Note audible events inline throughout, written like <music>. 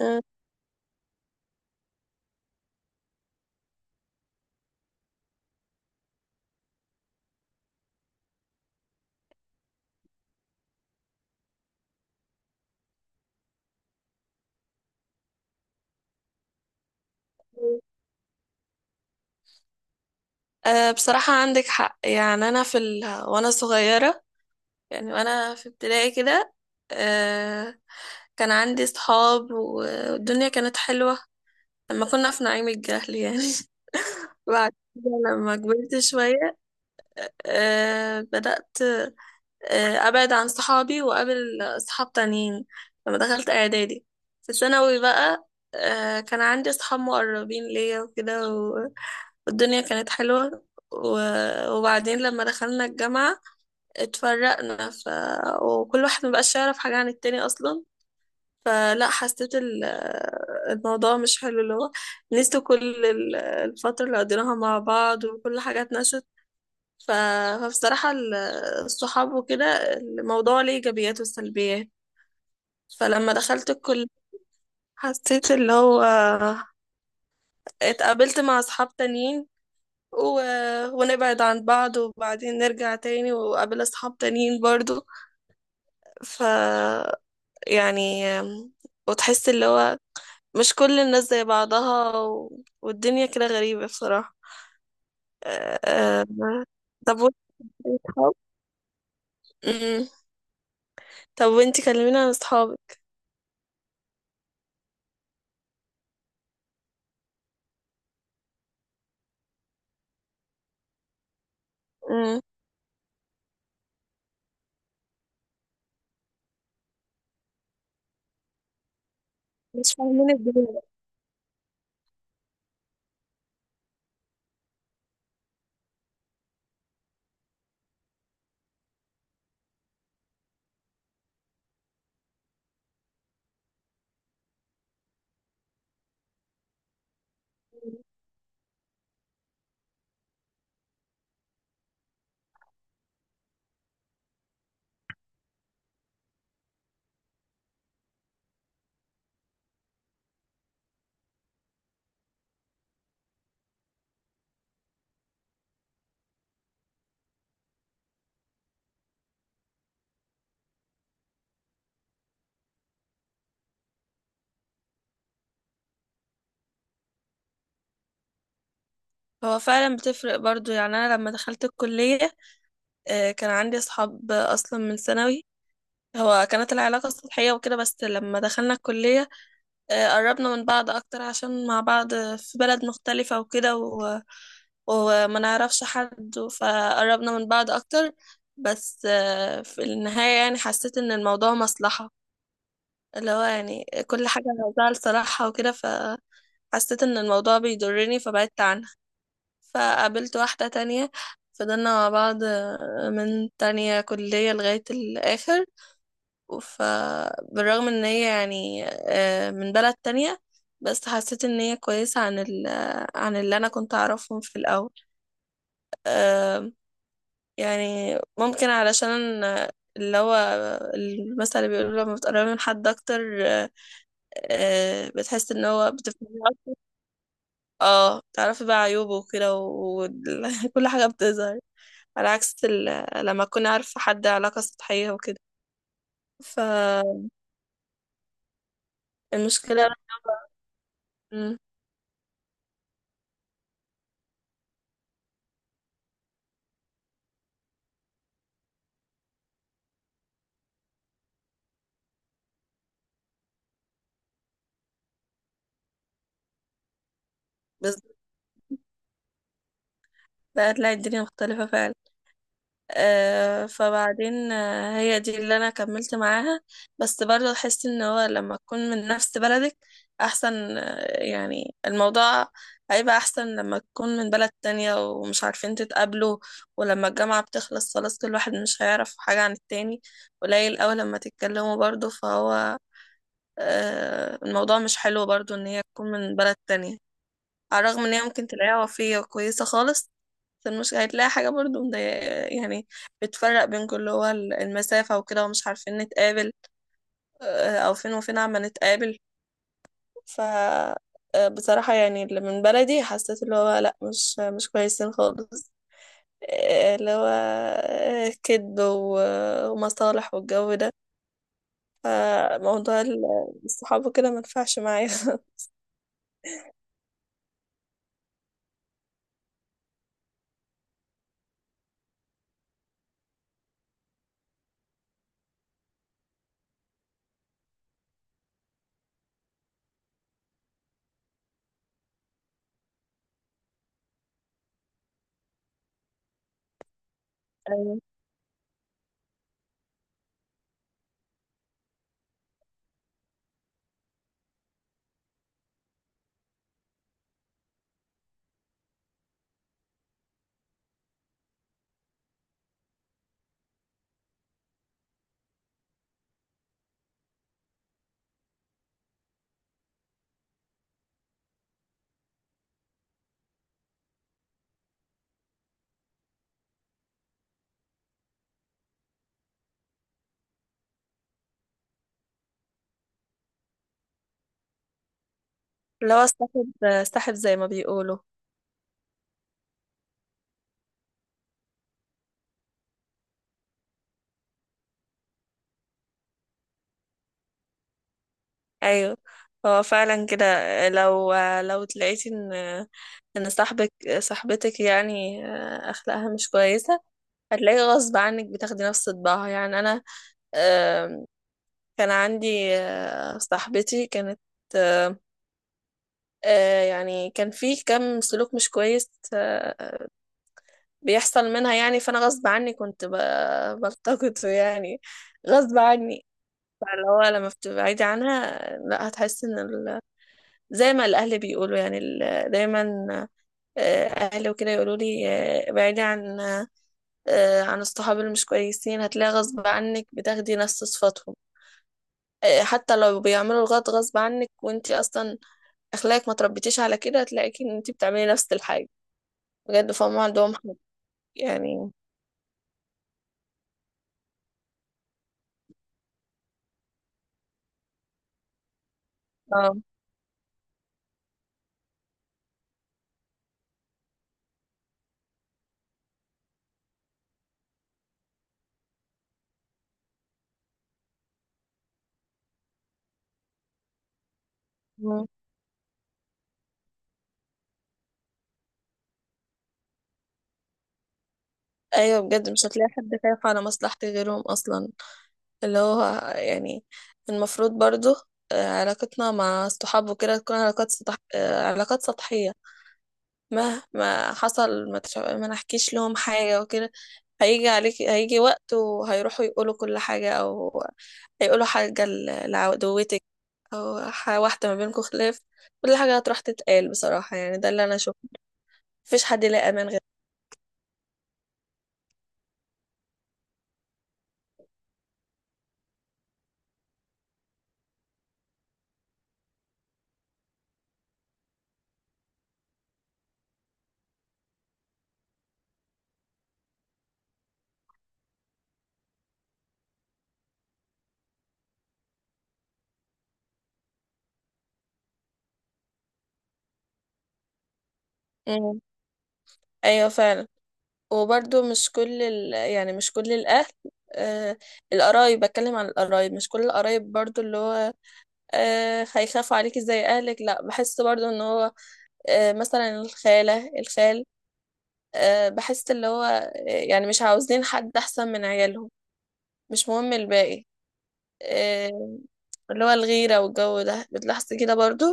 آه، بصراحة عندك حق، يعني أنا وأنا صغيرة، يعني وأنا في ابتدائي كده. آه، كان عندي صحاب والدنيا كانت حلوة لما كنا في نعيم الجهل يعني. <laughs> بعد كده لما كبرت شوية بدأت أبعد عن صحابي وأقابل صحاب تانيين لما دخلت إعدادي. في ثانوي بقى كان عندي صحاب مقربين ليا وكده، الدنيا كانت حلوة. و... وبعدين لما دخلنا الجامعة اتفرقنا، وكل واحد مبقاش يعرف حاجة عن التاني أصلا. فلا حسيت الموضوع مش حلو، اللي هو نسيت كل الفترة اللي قضيناها مع بعض وكل حاجة اتنست. ف... فبصراحة الصحاب وكده الموضوع ليه إيجابيات وسلبيات. فلما دخلت الكلية حسيت اللي هو اتقابلت مع أصحاب تانيين، و... ونبعد عن بعض وبعدين نرجع تاني وقابل أصحاب تانيين برضو. ف يعني وتحس اللي هو مش كل الناس زي بعضها، والدنيا كده غريبة بصراحة. أه... طب وانت أصحاب؟ أمم. طب وانت كلمينا عن أصحابك. أمم. مش فاهمين الدنيا بقى. هو فعلا بتفرق برضو، يعني أنا لما دخلت الكلية كان عندي أصحاب أصلا من ثانوي. هو كانت العلاقة سطحية وكده بس لما دخلنا الكلية قربنا من بعض اكتر عشان مع بعض في بلد مختلفة وكده، وما نعرفش حد فقربنا من بعض اكتر. بس في النهاية يعني حسيت ان الموضوع مصلحة، اللي هو يعني كل حاجة عاوزاها لصالحها وكده، فحسيت ان الموضوع بيضرني فبعدت عنها. فقابلت واحدة تانية فضلنا مع بعض من تانية كلية لغاية الآخر. فبالرغم ان هي يعني من بلد تانية بس حسيت ان هي كويسة عن عن اللي انا كنت اعرفهم في الاول. آم، يعني ممكن علشان اللي هو المثل اللي بيقولوا لما بتقربي من حد اكتر آه، بتحس ان هو بتفهمي أكتر. اه، تعرفي بقى عيوبه وكده وكل <laughs> حاجة بتظهر على عكس لما تكوني عارفة حد علاقة سطحية وكده. فالمشكلة. مم. لا، هتلاقي الدنيا مختلفة فعلا. فبعدين هي دي اللي انا كملت معاها. بس برضه احس ان هو لما تكون من نفس بلدك احسن، يعني الموضوع هيبقى احسن لما تكون من بلد تانية ومش عارفين تتقابلوا. ولما الجامعة بتخلص خلاص كل واحد مش هيعرف حاجة عن التاني، قليل اوي لما تتكلموا برضه. فهو الموضوع مش حلو برضه ان هي تكون من بلد تانية. على الرغم ان هي ممكن تلاقيها وفية وكويسة خالص، فالمشكلة هتلاقي حاجة برضو مضايقة، يعني بتفرق بينكم اللي هو المسافة وكده ومش عارفين نتقابل. أو فين وفين عما نتقابل. ف آه، بصراحة يعني اللي من بلدي حسيت اللي هو لأ، مش كويسين خالص. اللي هو كذب ومصالح والجو ده. فموضوع الصحاب وكده ما ينفعش معايا. <laughs> اللي هو استحب استحب زي ما بيقولوا. ايوه، هو فعلا كده. لو لو تلاقيتي ان صاحبتك يعني اخلاقها مش كويسه، هتلاقي غصب عنك بتاخدي نفس طباعها. يعني انا آم، كان عندي صاحبتي كانت يعني كان في كم سلوك مش كويس بيحصل منها، يعني فانا غصب عني كنت بلتقطه يعني، غصب عني. فاللي هو لما بتبعدي عنها، لا هتحسي ان زي ما الأهل بيقولوا، يعني دايما آه، أهلي وكده يقولوا لي ابعدي عن الصحاب اللي مش كويسين، هتلاقي غصب عنك بتاخدي نفس صفاتهم. حتى لو بيعملوا الغلط غصب عنك، وانتي أصلا أخلاقك ما تربيتيش على كده، هتلاقيكي ان انتي بتعملي نفس الحاجة. بجد فهم عندهم حق. يعني. اه. مم. أيوة بجد مش هتلاقي حد خايف على مصلحتك غيرهم أصلا، اللي هو يعني المفروض برضو علاقتنا مع الصحاب وكده تكون علاقات سطحية. مهما حصل، ما نحكيش لهم حاجة وكده. هيجي عليك هيجي وقت وهيروحوا يقولوا كل حاجة، أو هيقولوا حاجة لعدوتك أو واحدة ما بينكم خلاف. كل حاجة هتروح تتقال، بصراحة يعني ده اللي أنا أشوفه. مفيش حد يلاقي أمان غير. مم. أيوة فعلا. وبرضو مش كل يعني مش كل الأهل آه القرايب، بتكلم عن القرايب مش كل القرايب برضو، اللي هو هيخافوا عليكي زي أهلك. لا، بحس برضو إن هو مثلا الخالة الخال. بحس اللي هو يعني مش عاوزين حد أحسن من عيالهم، مش مهم الباقي. آه اللي هو الغيرة والجو ده بتلاحظي كده برضو.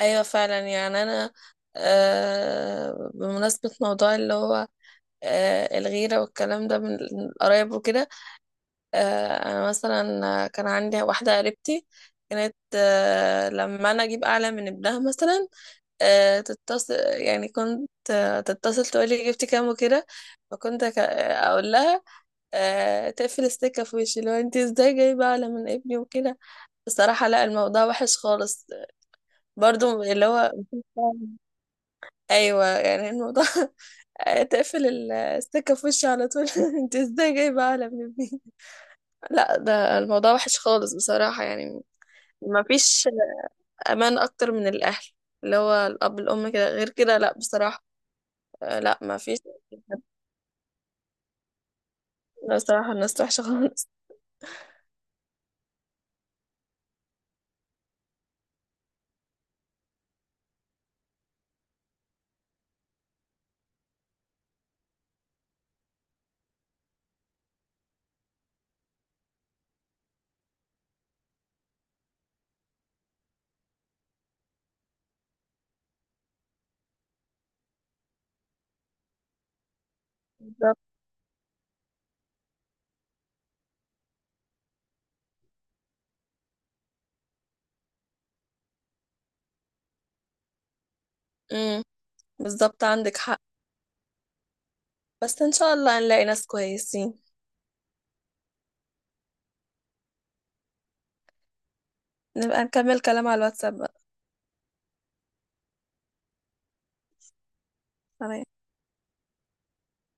أيوة فعلا، يعني أنا بمناسبة موضوع اللي هو الغيرة والكلام ده من القرايب وكده. انا مثلا كان عندي واحده قريبتي كانت لما انا اجيب اعلى من ابنها مثلا تتصل، يعني كنت تتصل تقولي جبتي كام وكده. فكنت اقول لها تقفل السكه في وشي. لو انت ازاي جايبه اعلى من ابني وكده، بصراحه لا، الموضوع وحش خالص، برضو اللي هو <laughs> ايوه يعني الموضوع. <laughs> تقفل السكه في وشي على طول. <laughs> انت ازاي جايبه اعلى من ابني. لا، ده الموضوع وحش خالص بصراحه يعني. مفيش امان اكتر من الاهل، اللي هو الاب الام كده، غير كده لا بصراحه. لا مفيش. لا بصراحه الناس وحشه خالص. بالظبط. امم. بالظبط عندك حق، بس ان شاء الله هنلاقي ناس كويسين. نبقى نكمل كلام على الواتساب بقى. سلام.